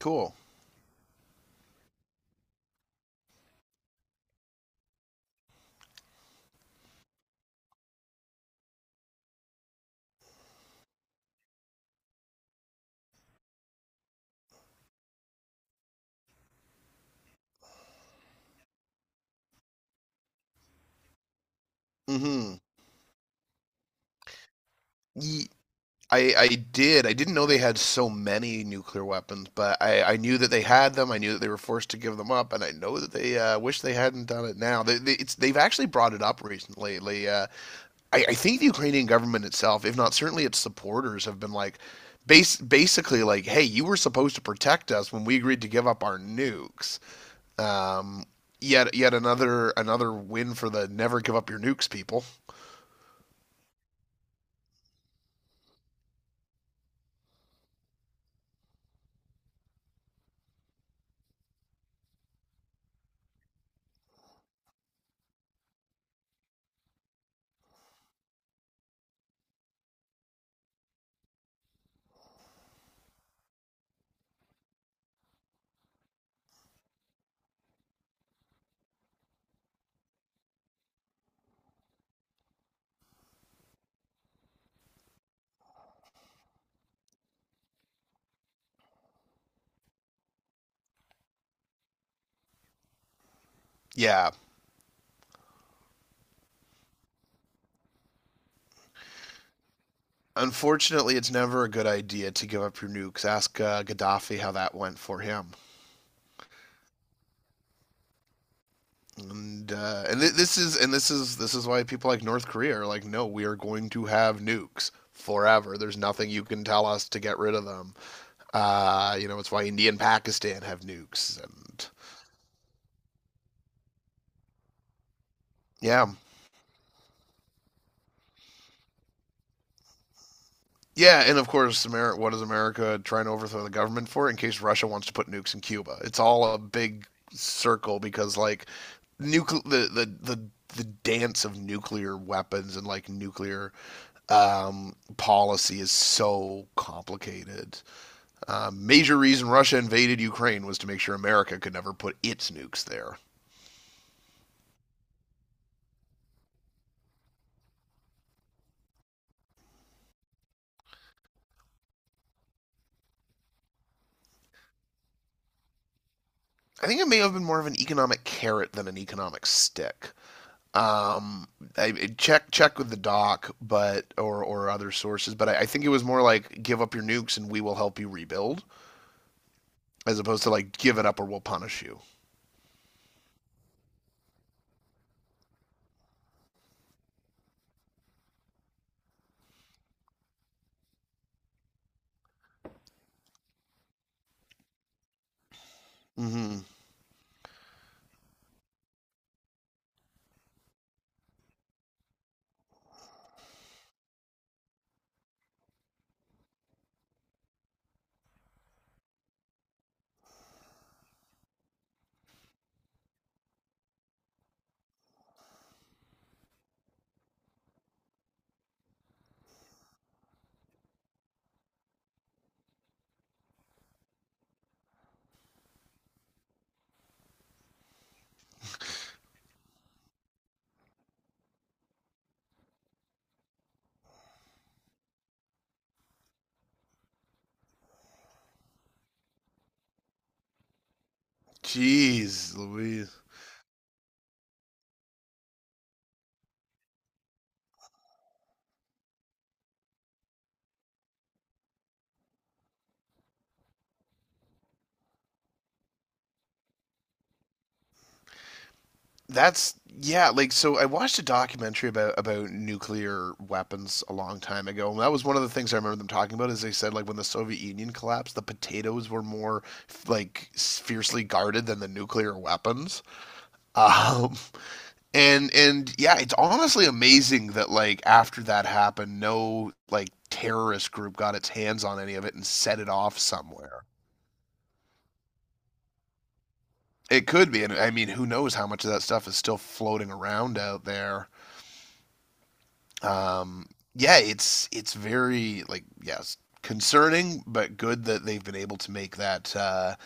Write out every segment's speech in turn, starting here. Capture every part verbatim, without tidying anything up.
Cool. Mm-hmm. Ye- I I did. I didn't know they had so many nuclear weapons, but I I knew that they had them. I knew that they were forced to give them up, and I know that they uh, wish they hadn't done it now. They, they it's they've actually brought it up recently. They, uh, I I think the Ukrainian government itself, if not certainly its supporters, have been like. Base, basically, like, hey, you were supposed to protect us when we agreed to give up our nukes. Um, yet, yet another another win for the never give up your nukes people. Yeah. Unfortunately, it's never a good idea to give up your nukes. Ask uh, Gaddafi how that went for him. And uh, and th- this is and this is this is why people like North Korea are like, no, we are going to have nukes forever. There's nothing you can tell us to get rid of them. Uh, you know, it's why India and Pakistan have nukes, and yeah. Yeah, and of course, America, what is America trying to overthrow the government for? In case Russia wants to put nukes in Cuba, it's all a big circle because like nucle the the the the dance of nuclear weapons and like nuclear um, policy is so complicated. Um, major reason Russia invaded Ukraine was to make sure America could never put its nukes there. I think it may have been more of an economic carrot than an economic stick. Um, I, check check with the doc, but or or other sources, but I, I think it was more like give up your nukes and we will help you rebuild, as opposed to like give it up or we'll punish you. Mm-hmm. Jeez, Louise. That's yeah, like so I watched a documentary about about nuclear weapons a long time ago, and that was one of the things I remember them talking about is they said like when the Soviet Union collapsed, the potatoes were more like fiercely guarded than the nuclear weapons. Um, and and yeah, it's honestly amazing that like after that happened, no like terrorist group got its hands on any of it and set it off somewhere. It could be, and I mean, who knows how much of that stuff is still floating around out there? Um, yeah, it's it's very like yes, concerning, but good that they've been able to make that uh,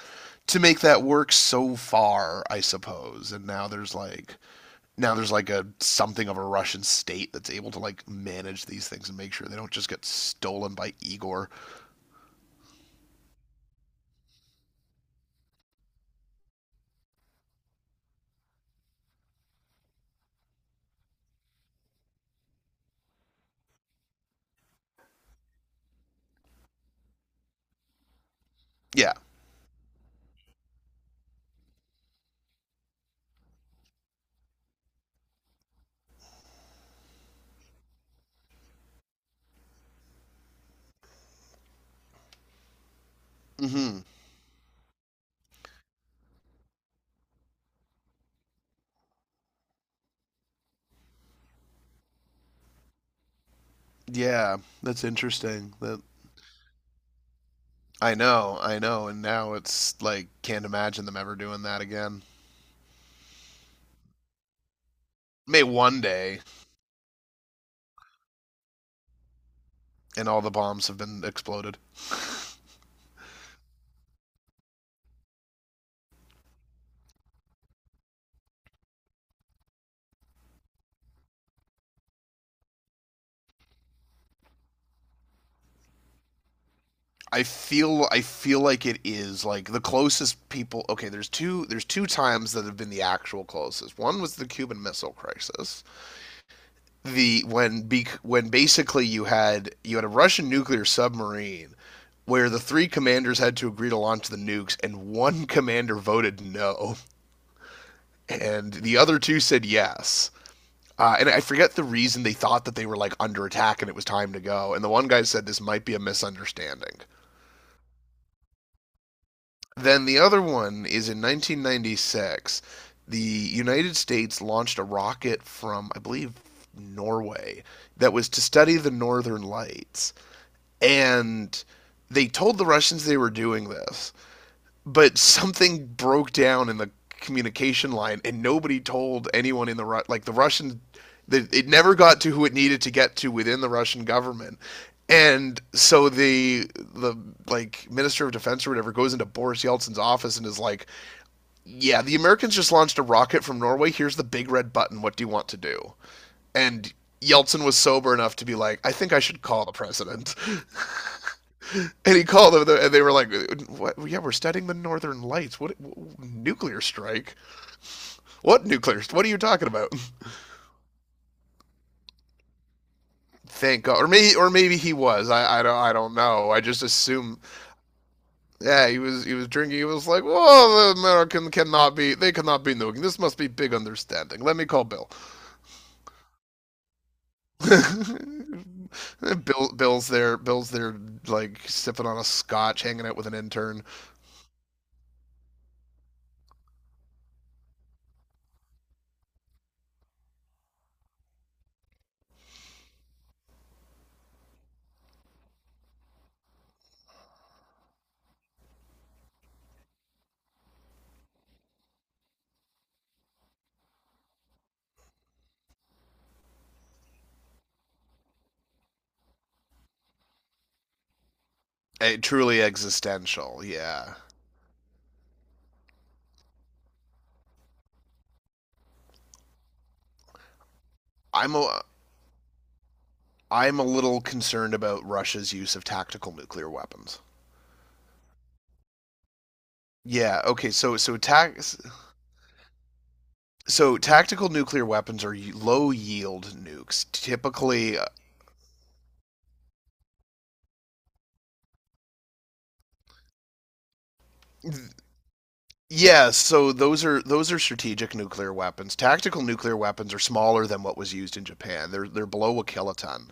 to make that work so far, I suppose. And now there's like now there's like a something of a Russian state that's able to like manage these things and make sure they don't just get stolen by Igor. Yeah. Mhm. Yeah, that's interesting. That I know, I know, and now it's like can't imagine them ever doing that again. May one day and all the bombs have been exploded. I feel I feel like it is like the closest people okay there's two there's two times that have been the actual closest. One was the Cuban Missile Crisis, the when bec- when basically you had you had a Russian nuclear submarine where the three commanders had to agree to launch the nukes, and one commander voted no and the other two said yes. Uh, and I forget the reason they thought that they were like under attack and it was time to go. And the one guy said this might be a misunderstanding. Then the other one is in nineteen ninety-six. The United States launched a rocket from, I believe, Norway, that was to study the northern lights, and they told the Russians they were doing this, but something broke down in the communication line, and nobody told anyone in the Ru- like the Russian. the- It never got to who it needed to get to within the Russian government, and so the the like minister of defense or whatever goes into Boris Yeltsin's office and is like, "Yeah, the Americans just launched a rocket from Norway. Here's the big red button. What do you want to do?" And Yeltsin was sober enough to be like, "I think I should call the president." And he called them, and they were like, what? "Yeah, we're studying the Northern Lights. What, what nuclear strike? What nuclear? What are you talking about?" Thank God, or maybe, or maybe he was. I, I don't, I don't know. I just assume. Yeah, he was, he was drinking. He was like, "Well, the American cannot be. They cannot be nuking. This must be big understanding. Let me call Bill." Bill, Bill's there. Bill's there, like sipping on a scotch, hanging out with an intern. Eh, truly existential. Yeah. I'm a, I'm a little concerned about Russia's use of tactical nuclear weapons. Yeah, okay. So so tac- so tactical nuclear weapons are low yield nukes. Typically uh, yeah, so those are those are strategic nuclear weapons. Tactical nuclear weapons are smaller than what was used in Japan. They're they're below a kiloton.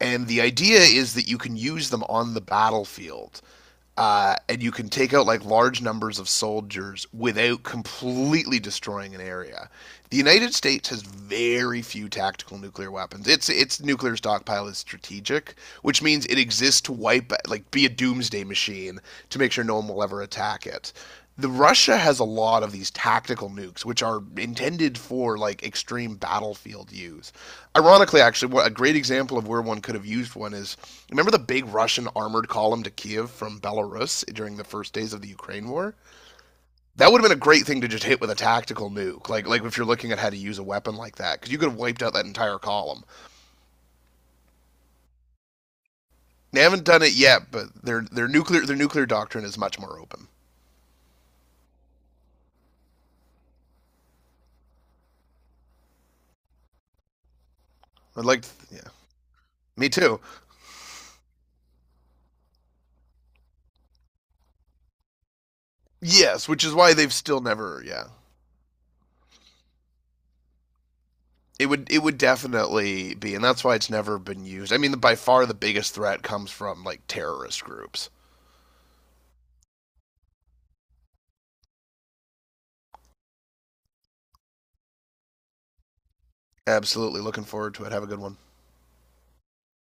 And the idea is that you can use them on the battlefield uh, and you can take out like large numbers of soldiers without completely destroying an area. The United States has very few tactical nuclear weapons. Its its nuclear stockpile is strategic, which means it exists to wipe like be a doomsday machine to make sure no one will ever attack it. The Russia has a lot of these tactical nukes, which are intended for like extreme battlefield use. Ironically, actually, a great example of where one could have used one is, remember the big Russian armored column to Kiev from Belarus during the first days of the Ukraine war? That would have been a great thing to just hit with a tactical nuke, like like if you're looking at how to use a weapon like that, because you could have wiped out that entire column. They haven't done it yet, but their their nuclear their nuclear doctrine is much more open. I'd like, to, yeah, me too. Yes, which is why they've still never, yeah, it would it would definitely be, and that's why it's never been used. I mean, by far the biggest threat comes from like terrorist groups. Absolutely, looking forward to it. Have a good one.